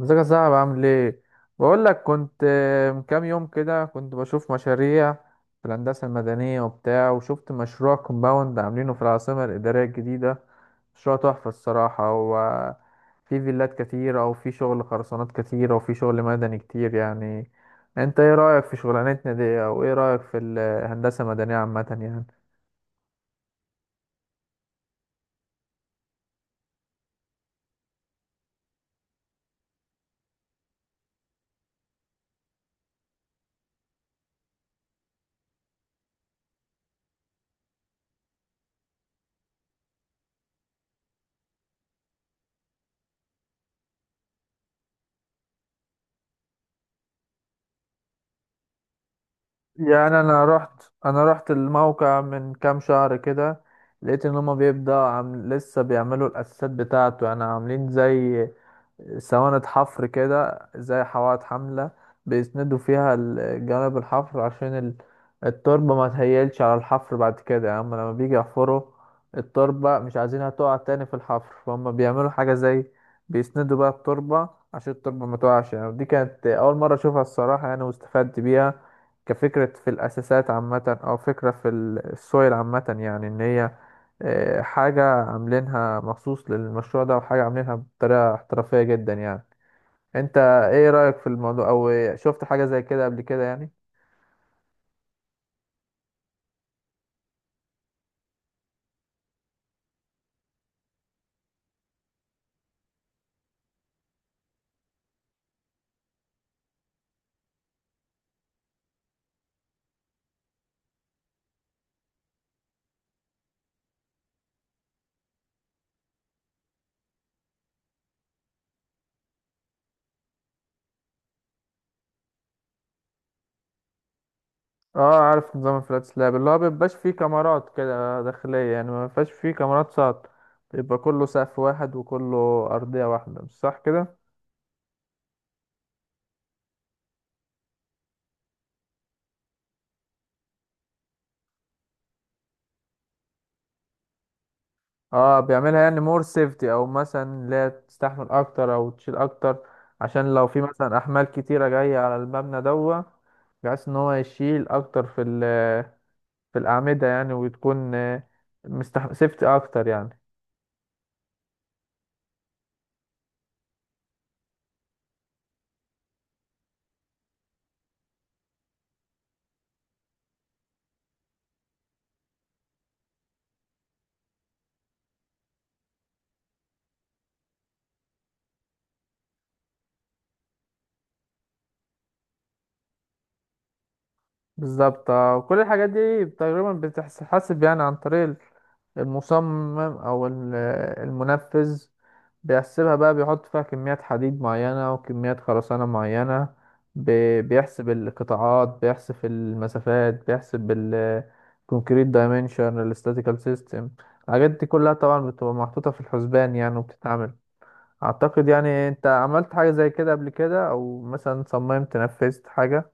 ازيك يا صاحبي، عامل ايه؟ بقول لك كنت من كام يوم كده كنت بشوف مشاريع في الهندسه المدنيه وبتاع، وشفت مشروع كومباوند عاملينه في العاصمه الاداريه الجديده. مشروع تحفه الصراحه. هو في فيلات كتيره، وفي شغل خرسانات كتيره، وفي شغل مدني كتير يعني. انت ايه رايك في شغلانتنا دي، او ايه رايك في الهندسه المدنيه عامه يعني؟ يعني انا رحت الموقع من كام شهر كده، لقيت ان هما بيبدأ عم لسه بيعملوا الاساسات بتاعته، يعني عاملين زي سواند حفر كده، زي حواض حملة بيسندوا فيها جانب الحفر، عشان التربة ما تهيلش على الحفر. بعد كده يعني هما لما بيجي يحفروا، التربة مش عايزينها تقع تاني في الحفر، فهم بيعملوا حاجة زي بيسندوا بقى التربة عشان التربة ما تقعش. يعني دي كانت أول مرة أشوفها الصراحة، يعني واستفدت بيها كفكرة في الأساسات عامة، أو فكرة في السويل عامة، يعني إن هي حاجة عاملينها مخصوص للمشروع ده، وحاجة عاملينها بطريقة احترافية جدا يعني. انت ايه رأيك في الموضوع، او شفت حاجة زي كده قبل كده يعني؟ اه، عارف نظام الفلات سلاب، اللي هو مبيبقاش فيه كاميرات كده داخلية، يعني مبيبقاش فيه كاميرات ساط. بيبقى كله سقف واحد وكله أرضية واحدة، مش صح كده؟ اه، بيعملها يعني مور سيفتي، او مثلا لا تستحمل اكتر او تشيل اكتر، عشان لو في مثلا احمال كتيرة جاية على المبنى دوت، بحيث ان هو يشيل اكتر في في الأعمدة يعني، وتكون مستح سيفتي أكتر يعني. بالظبط. كل الحاجات دي تقريبا بتتحسب يعني عن طريق المصمم، أو المنفذ. بيحسبها بقى، بيحط فيها كميات حديد معينة وكميات خرسانة معينة. بيحسب القطاعات، بيحسب المسافات، بيحسب الكونكريت دايمنشن الاستاتيكال سيستم. الحاجات دي كلها طبعا بتبقى محطوطة في الحسبان يعني، وبتتعمل. اعتقد يعني انت عملت حاجة زي كده قبل كده، او مثلا صممت نفذت حاجة.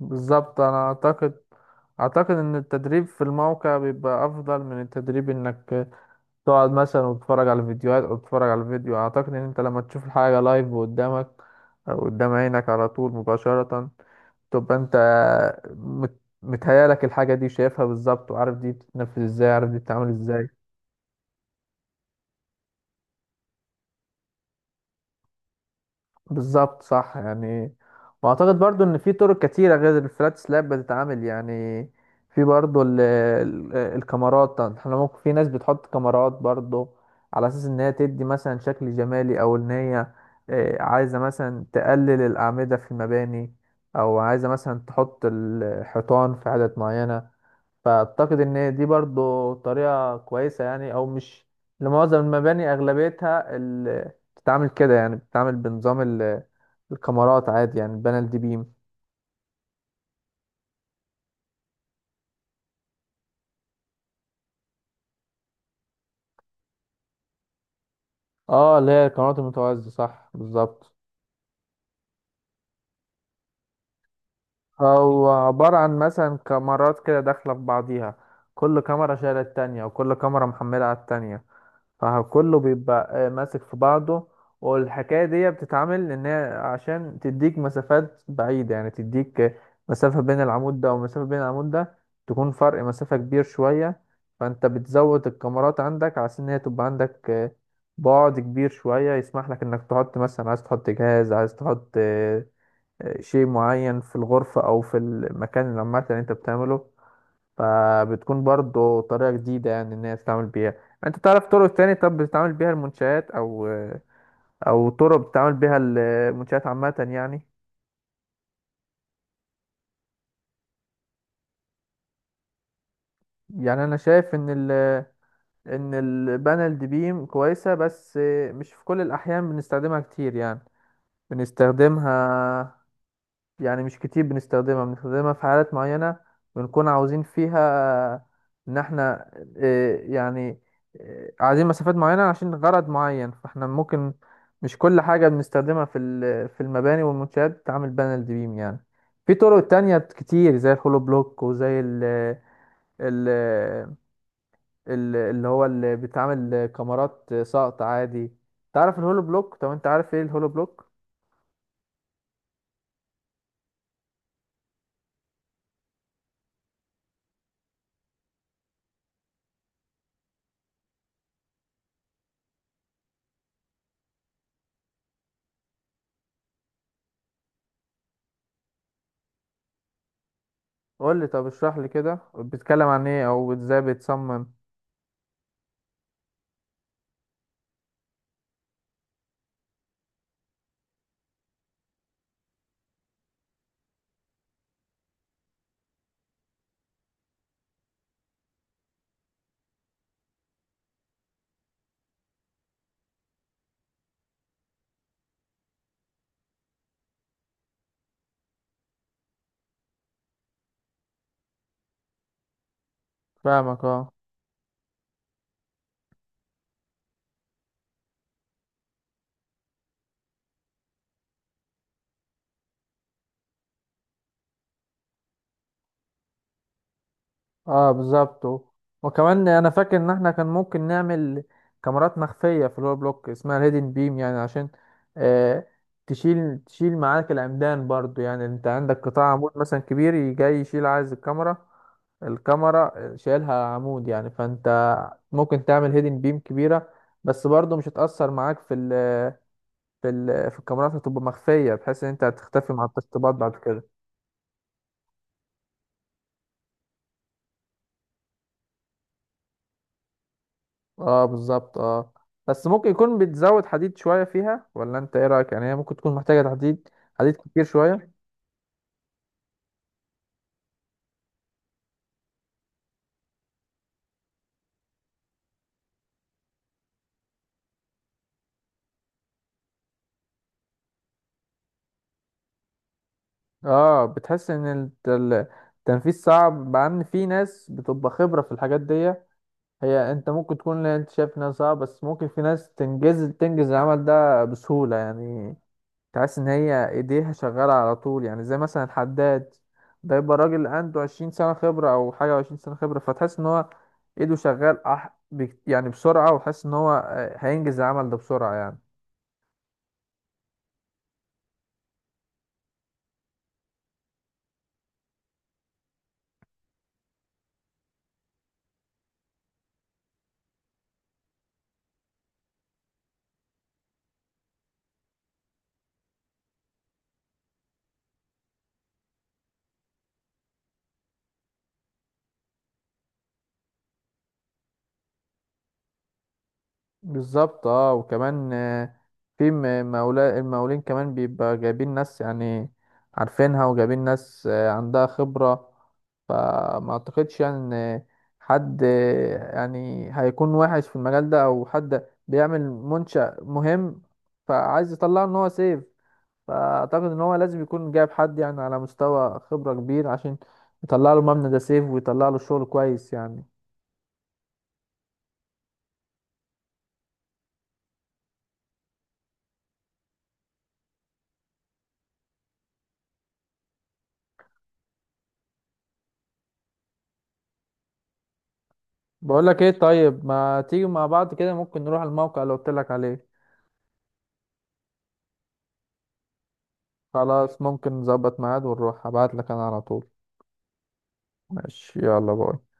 بالظبط. انا اعتقد ان التدريب في الموقع بيبقى افضل من التدريب انك تقعد مثلا وتتفرج على الفيديوهات، او تتفرج على الفيديو. اعتقد ان انت لما تشوف الحاجة لايف قدامك، او قدام عينك على طول مباشرة، تبقى انت متهيألك الحاجة دي شايفها بالظبط، وعارف دي بتتنفذ ازاي، عارف دي بتتعمل ازاي. بالظبط صح يعني. واعتقد برضو ان في طرق كتيره غير الفلات سلاب بتتعمل يعني. في برضو ال ال الكاميرات، احنا ممكن في ناس بتحط كاميرات برضو على اساس ان هي تدي مثلا شكل جمالي، او ان هي عايزه مثلا تقلل الاعمده في المباني، او عايزه مثلا تحط الحيطان في عدد معينه. فأعتقد إن دي برضو طريقة كويسة يعني، أو مش لمعظم المباني، أغلبيتها بتتعامل كده يعني، بتتعامل بنظام الكاميرات عادي، يعني البانل الدي بيم. اه، اللي هي الكاميرات المتوازية، صح بالظبط. أو عبارة عن مثلا كاميرات كده داخلة في بعضيها، كل كاميرا شايلة التانية، وكل كاميرا محملة على التانية، فكله بيبقى ماسك في بعضه. والحكاية دي بتتعمل ان هي عشان تديك مسافات بعيدة، يعني تديك مسافة بين العمود ده ومسافة بين العمود ده، تكون فرق مسافة كبير شوية. فانت بتزود الكاميرات عندك على ان هي تبقى عندك بعد كبير شوية، يسمح لك انك تحط مثلا، عايز تحط جهاز، عايز تحط شيء معين في الغرفة، او في المكان اللي عامة اللي انت بتعمله. فبتكون برضو طريقة جديدة يعني إن هي تتعامل بيها. أنت تعرف طرق تاني طب بتتعامل بيها المنشآت، أو طرق بتتعامل بيها المنشآت عامة يعني؟ يعني أنا شايف إن إن البانل دي بيم كويسة، بس مش في كل الأحيان بنستخدمها كتير يعني. بنستخدمها، يعني مش كتير بنستخدمها، بنستخدمها في حالات معينة، بنكون عاوزين فيها إن إحنا آه، يعني عايزين مسافات معينة عشان غرض معين، فإحنا ممكن. مش كل حاجة بنستخدمها في في المباني والمنشآت بتتعمل بانل بيم يعني. في طرق تانية كتير زي الهولو بلوك، وزي ال اللي هو اللي بيتعمل كاميرات سقط عادي. تعرف الهولو بلوك؟ طب انت عارف ايه الهولو بلوك؟ قول لي، طب اشرح لي كده، بتتكلم عن ايه؟ او ازاي بتصمم؟ فاهمك، اه. اه بالظبط. وكمان انا فاكر ان احنا كان ممكن نعمل كاميرات مخفية في الهول بلوك، اسمها الهيدن بيم، يعني عشان آه تشيل معاك العمدان برضو يعني. انت عندك قطاع عمود مثلا كبير جاي يشيل، عايز الكاميرا شايلها عمود يعني، فانت ممكن تعمل هيدن بيم كبيرة، بس برضو مش هتأثر معاك في في الكاميرات، هتبقى مخفية بحيث ان انت هتختفي مع التشطيبات بعد كده. اه بالظبط، اه. بس ممكن يكون بتزود حديد شوية فيها، ولا انت ايه رأيك؟ يعني هي ممكن تكون محتاجة حديد كتير شوية. اه، بتحس ان التنفيذ صعب، مع ان في ناس بتبقى خبرة في الحاجات دي. هي انت ممكن تكون، لا، انت شايف انها صعب، بس ممكن في ناس تنجز، تنجز العمل ده بسهولة يعني. تحس ان هي ايديها شغالة على طول، يعني زي مثلا الحداد ده، يبقى راجل عنده 20 سنة خبرة او حاجة، و20 سنة خبرة، فتحس ان هو ايده شغال يعني بسرعة، وتحس ان هو هينجز العمل ده بسرعة يعني. بالظبط، اه. وكمان في مولا المقاولين كمان بيبقى جايبين ناس يعني عارفينها، وجايبين ناس عندها خبرة. فما اعتقدش يعني ان حد يعني هيكون وحش في المجال ده، او حد بيعمل منشأ مهم فعايز يطلعه ان هو سيف. فاعتقد ان هو لازم يكون جايب حد يعني على مستوى خبرة كبير، عشان يطلع له مبنى ده سيف، ويطلع له شغل كويس يعني. بقول لك ايه، طيب ما تيجي مع بعض كده ممكن نروح الموقع اللي قلت لك عليه؟ خلاص، ممكن نظبط ميعاد ونروح، هبعت لك انا على طول. ماشي، يلا باي.